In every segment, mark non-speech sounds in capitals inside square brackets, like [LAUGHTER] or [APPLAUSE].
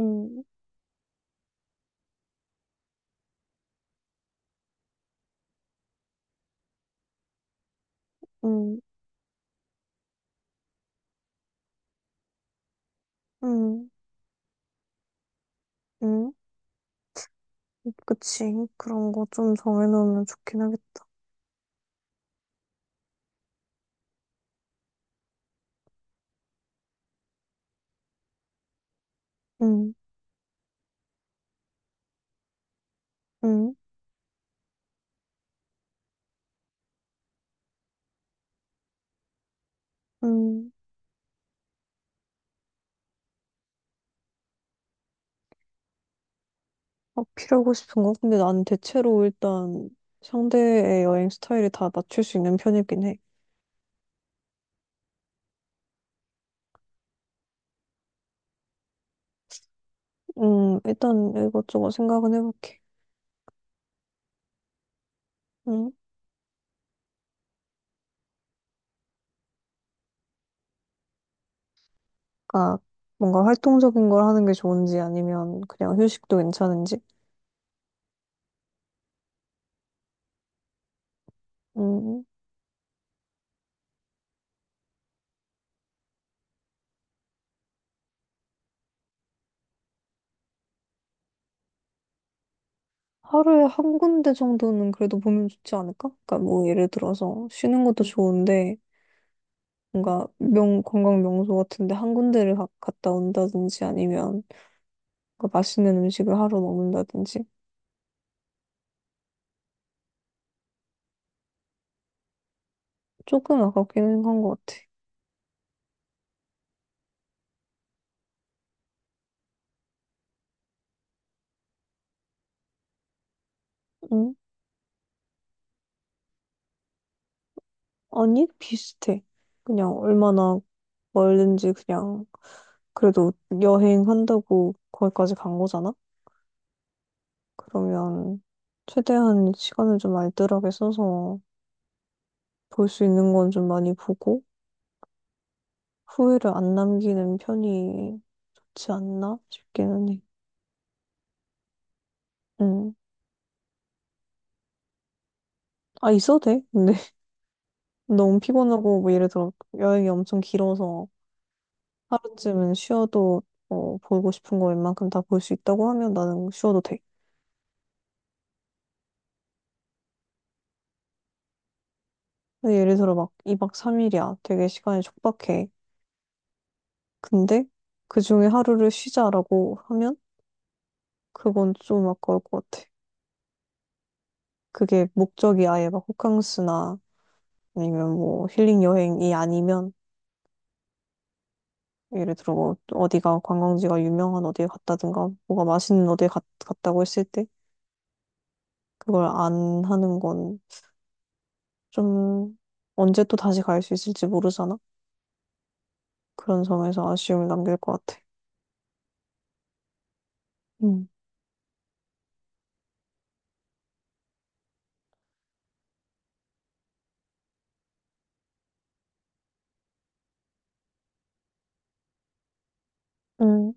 음, 음, 음, 음. 그치. 그런 거 좀 정해놓으면 좋긴 하겠다. 음, 음, 음. 어, 필요하고 싶은 거? 근데 난 대체로 일단 상대의 여행 스타일이 다 맞출 수 있는 편이긴 해. 일단 이것저것 생각은 해볼게. 음, 그러니까 뭔가 활동적인 걸 하는 게 좋은지 아니면 그냥 휴식도 괜찮은지. 음, 하루에 한 군데 정도는 그래도 보면 좋지 않을까? 그러니까 뭐 예를 들어서 쉬는 것도 좋은데 뭔가 명 관광 명소 같은데 한 군데를 갔다 온다든지 아니면 뭔가 맛있는 음식을 하러 먹는다든지. 조금 아깝기는 한 것 같아. 응? 아니 비슷해. 그냥 얼마나 멀든지 그냥 그래도 여행한다고 거기까지 간 거잖아? 그러면 최대한 시간을 좀 알뜰하게 써서 볼 수 있는 건 좀 많이 보고 후회를 안 남기는 편이 좋지 않나 싶기는 해. 응. 아, 있어도 돼. 근데 너무 피곤하고 뭐 예를 들어 여행이 엄청 길어서 하루쯤은 쉬어도, 어, 보고 싶은 거 웬만큼 다 볼 수 있다고 하면 나는 쉬어도 돼. 근데 예를 들어 막 2박 3일이야. 되게 시간이 촉박해. 근데 그중에 하루를 쉬자라고 하면 그건 좀 아까울 것 같아. 그게 목적이 아예 막 호캉스나 아니면 뭐 힐링 여행이 아니면, 예를 들어 뭐 어디가 관광지가 유명한 어디에 갔다든가 뭐가 맛있는 어디에 갔다고 했을 때 그걸 안 하는 건 좀, 언제 또 다시 갈 수 있을지 모르잖아. 그런 점에서 아쉬움을 남길 것 같아. 음, 음,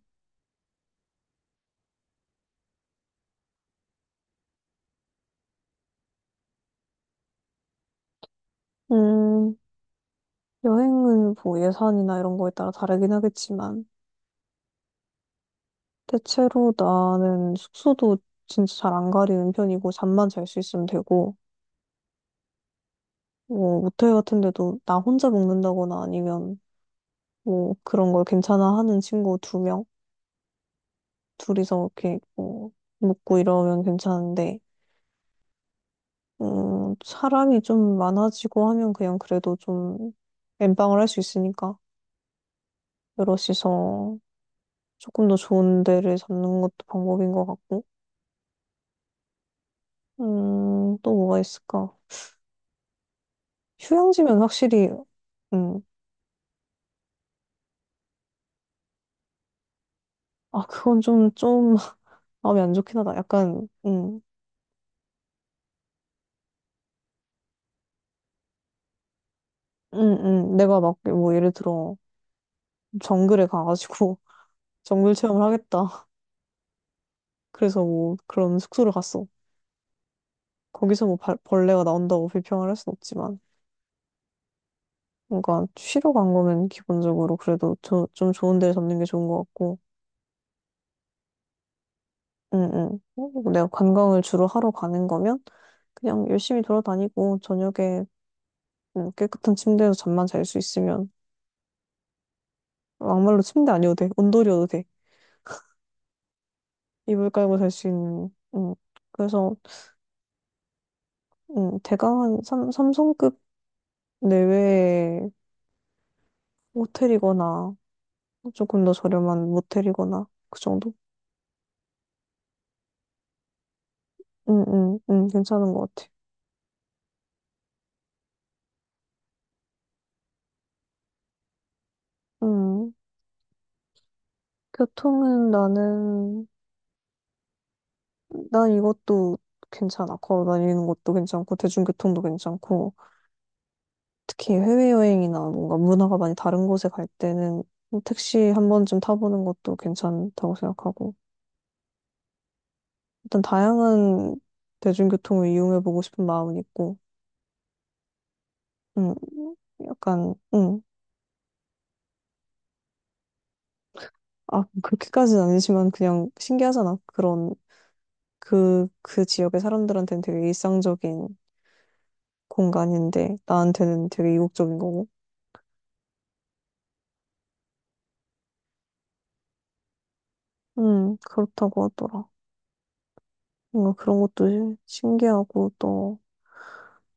음, 여행은 뭐 예산이나 이런 거에 따라 다르긴 하겠지만, 대체로 나는 숙소도 진짜 잘 안 가리는 편이고, 잠만 잘 수 있으면 되고, 뭐, 모텔 같은 데도 나 혼자 묵는다거나 아니면, 뭐, 그런 걸 괜찮아 하는 친구 두 명, 둘이서 이렇게, 뭐, 묵고 이러면 괜찮은데, 사람이 좀 많아지고 하면 그냥 그래도 좀 엠빵을 할 수 있으니까 여럿이서 조금 더 좋은 데를 잡는 것도 방법인 것 같고. 또 뭐가 있을까? 휴양지면 확실히, 음, 아, 그건 좀 좀 [LAUGHS] 마음이 안 좋긴 하다. 약간 음, 내가 막 뭐 예를 들어 정글에 가가지고 [LAUGHS] 정글 체험을 하겠다. 그래서 뭐 그런 숙소를 갔어. 거기서 뭐 벌레가 나온다고 [LAUGHS] 불평을 할 순 없지만. 그러니까 쉬러 간 거면 기본적으로 그래도 좀 좋은 데 잡는 게 좋은 것 같고, 응, 응. 내가 관광을 주로 하러 가는 거면 그냥 열심히 돌아다니고 저녁에, 깨끗한 침대에서 잠만 잘 수 있으면. 막말로 침대 아니어도 돼. 온돌이어도 돼. 이불 깔고 잘 수 있는. 음. 그래서 대강 한 삼성급 내외의 호텔이거나 조금 더 저렴한 모텔이거나 그 정도? 응, 응, 응. 괜찮은 것 같아. 음. 교통은 나는, 난 이것도 괜찮아. 걸어 다니는 것도 괜찮고, 대중교통도 괜찮고, 특히 해외여행이나 뭔가 문화가 많이 다른 곳에 갈 때는 뭐 택시 한 번쯤 타보는 것도 괜찮다고 생각하고, 일단 다양한 대중교통을 이용해보고 싶은 마음은 있고, 음, 약간, 아, 그렇게까지는 아니지만 그냥 신기하잖아. 그런, 그 지역의 사람들한테는 되게 일상적인 공간인데, 나한테는 되게 이국적인 거고, 그렇다고 하더라. 뭔가 그런 것도 신기하고 또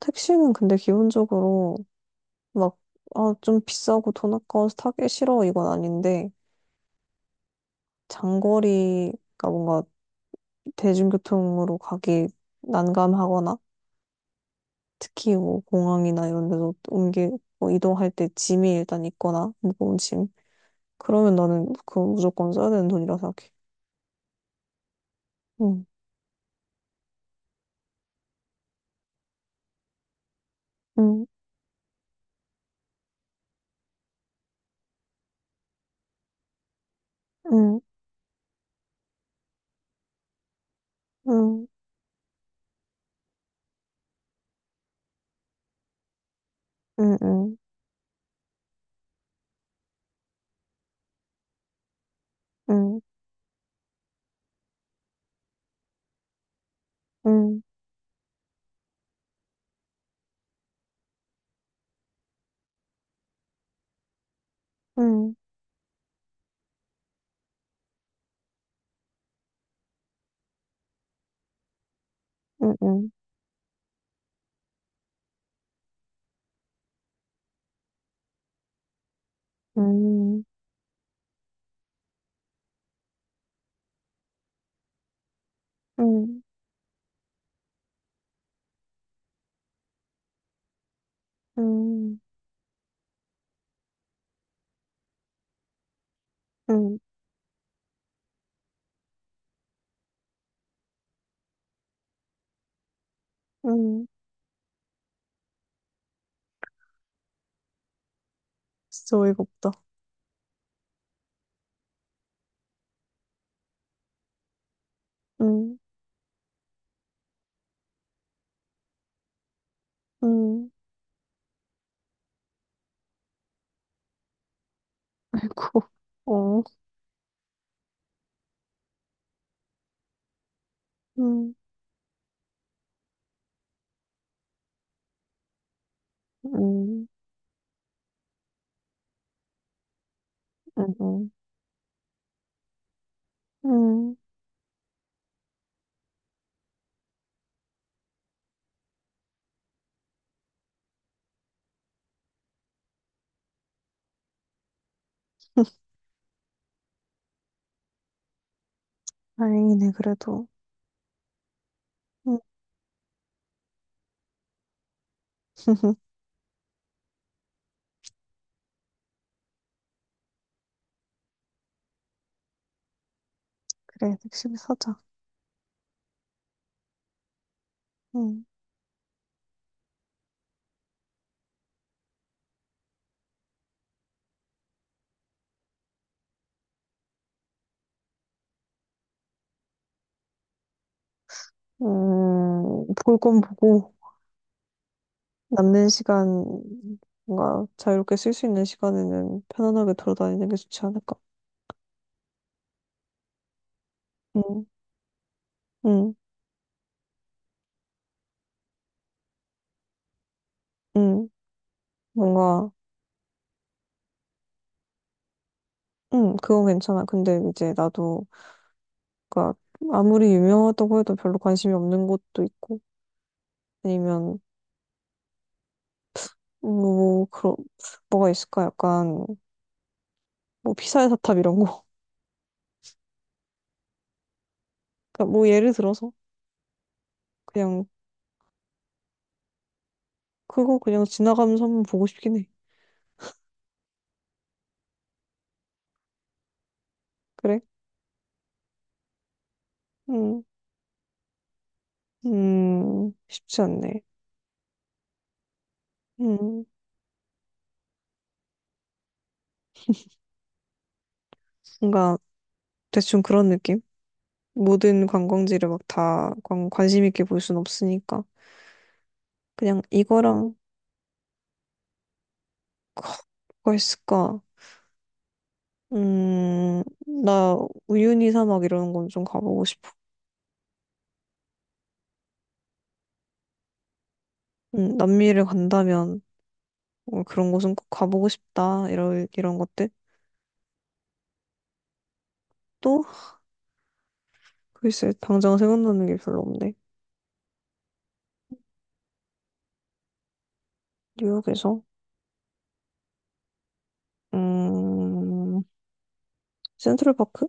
택시는 근데 기본적으로 막, 아, 좀 비싸고 돈 아까워서 타기 싫어 이건 아닌데 장거리가 뭔가 대중교통으로 가기 난감하거나 특히 뭐 공항이나 이런 데서 옮기, 뭐 이동할 때 짐이 일단 있거나 무거운 짐, 그러면 나는 그거 무조건 써야 되는 돈이라 생각해. 응, 응, 응, 응, 응, 응, 응, 응, 응, 응, 응, 응, 응. 응. 음, 음, 음. 진짜 어이가 없다. 음, 음. 아이고, 어, 음, 음, 음, 음. 음. 다행이네, 그래도. 음. [LAUGHS] 그래, 열심히 사자. 음, 볼 건 보고, 남는 시간, 뭔가 자유롭게 쓸 수 있는 시간에는 편안하게 돌아다니는 게 좋지 않을까. 응, 응, 응, 뭔가, 응, 그건 괜찮아. 근데 이제 나도, 그니까, 아무리 유명하다고 해도 별로 관심이 없는 곳도 있고, 아니면 뭐 그런, 뭐가 있을까? 약간 뭐 피사의 사탑 이런 거. [LAUGHS] 그러니까 뭐 예를 들어서 그냥 그거 그냥 지나가면서 한번 보고 싶긴 해. 그래? 음, 쉽지 않네. 음, 뭔가 대충 그런 느낌? 모든 관광지를 막 다 관심 있게 볼 순 없으니까 그냥 이거랑 [SIGHS] 뭐가 있을까? 음, 나 우유니 사막 이런 건 좀 가보고 싶어. 남미를 간다면. 어, 그런 곳은 꼭 가보고 싶다. 이런, 이런 것들. 또, 글쎄, 당장 생각나는 게 별로 없네. 뉴욕에서, 음, 센트럴파크?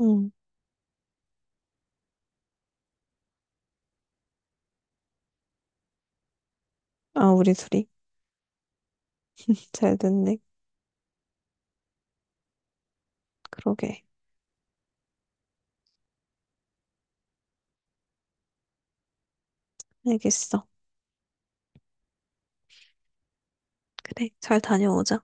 음, 아, 우리 둘이. 잘 됐네. 그러게. 알겠어. 그래, 잘 다녀오자.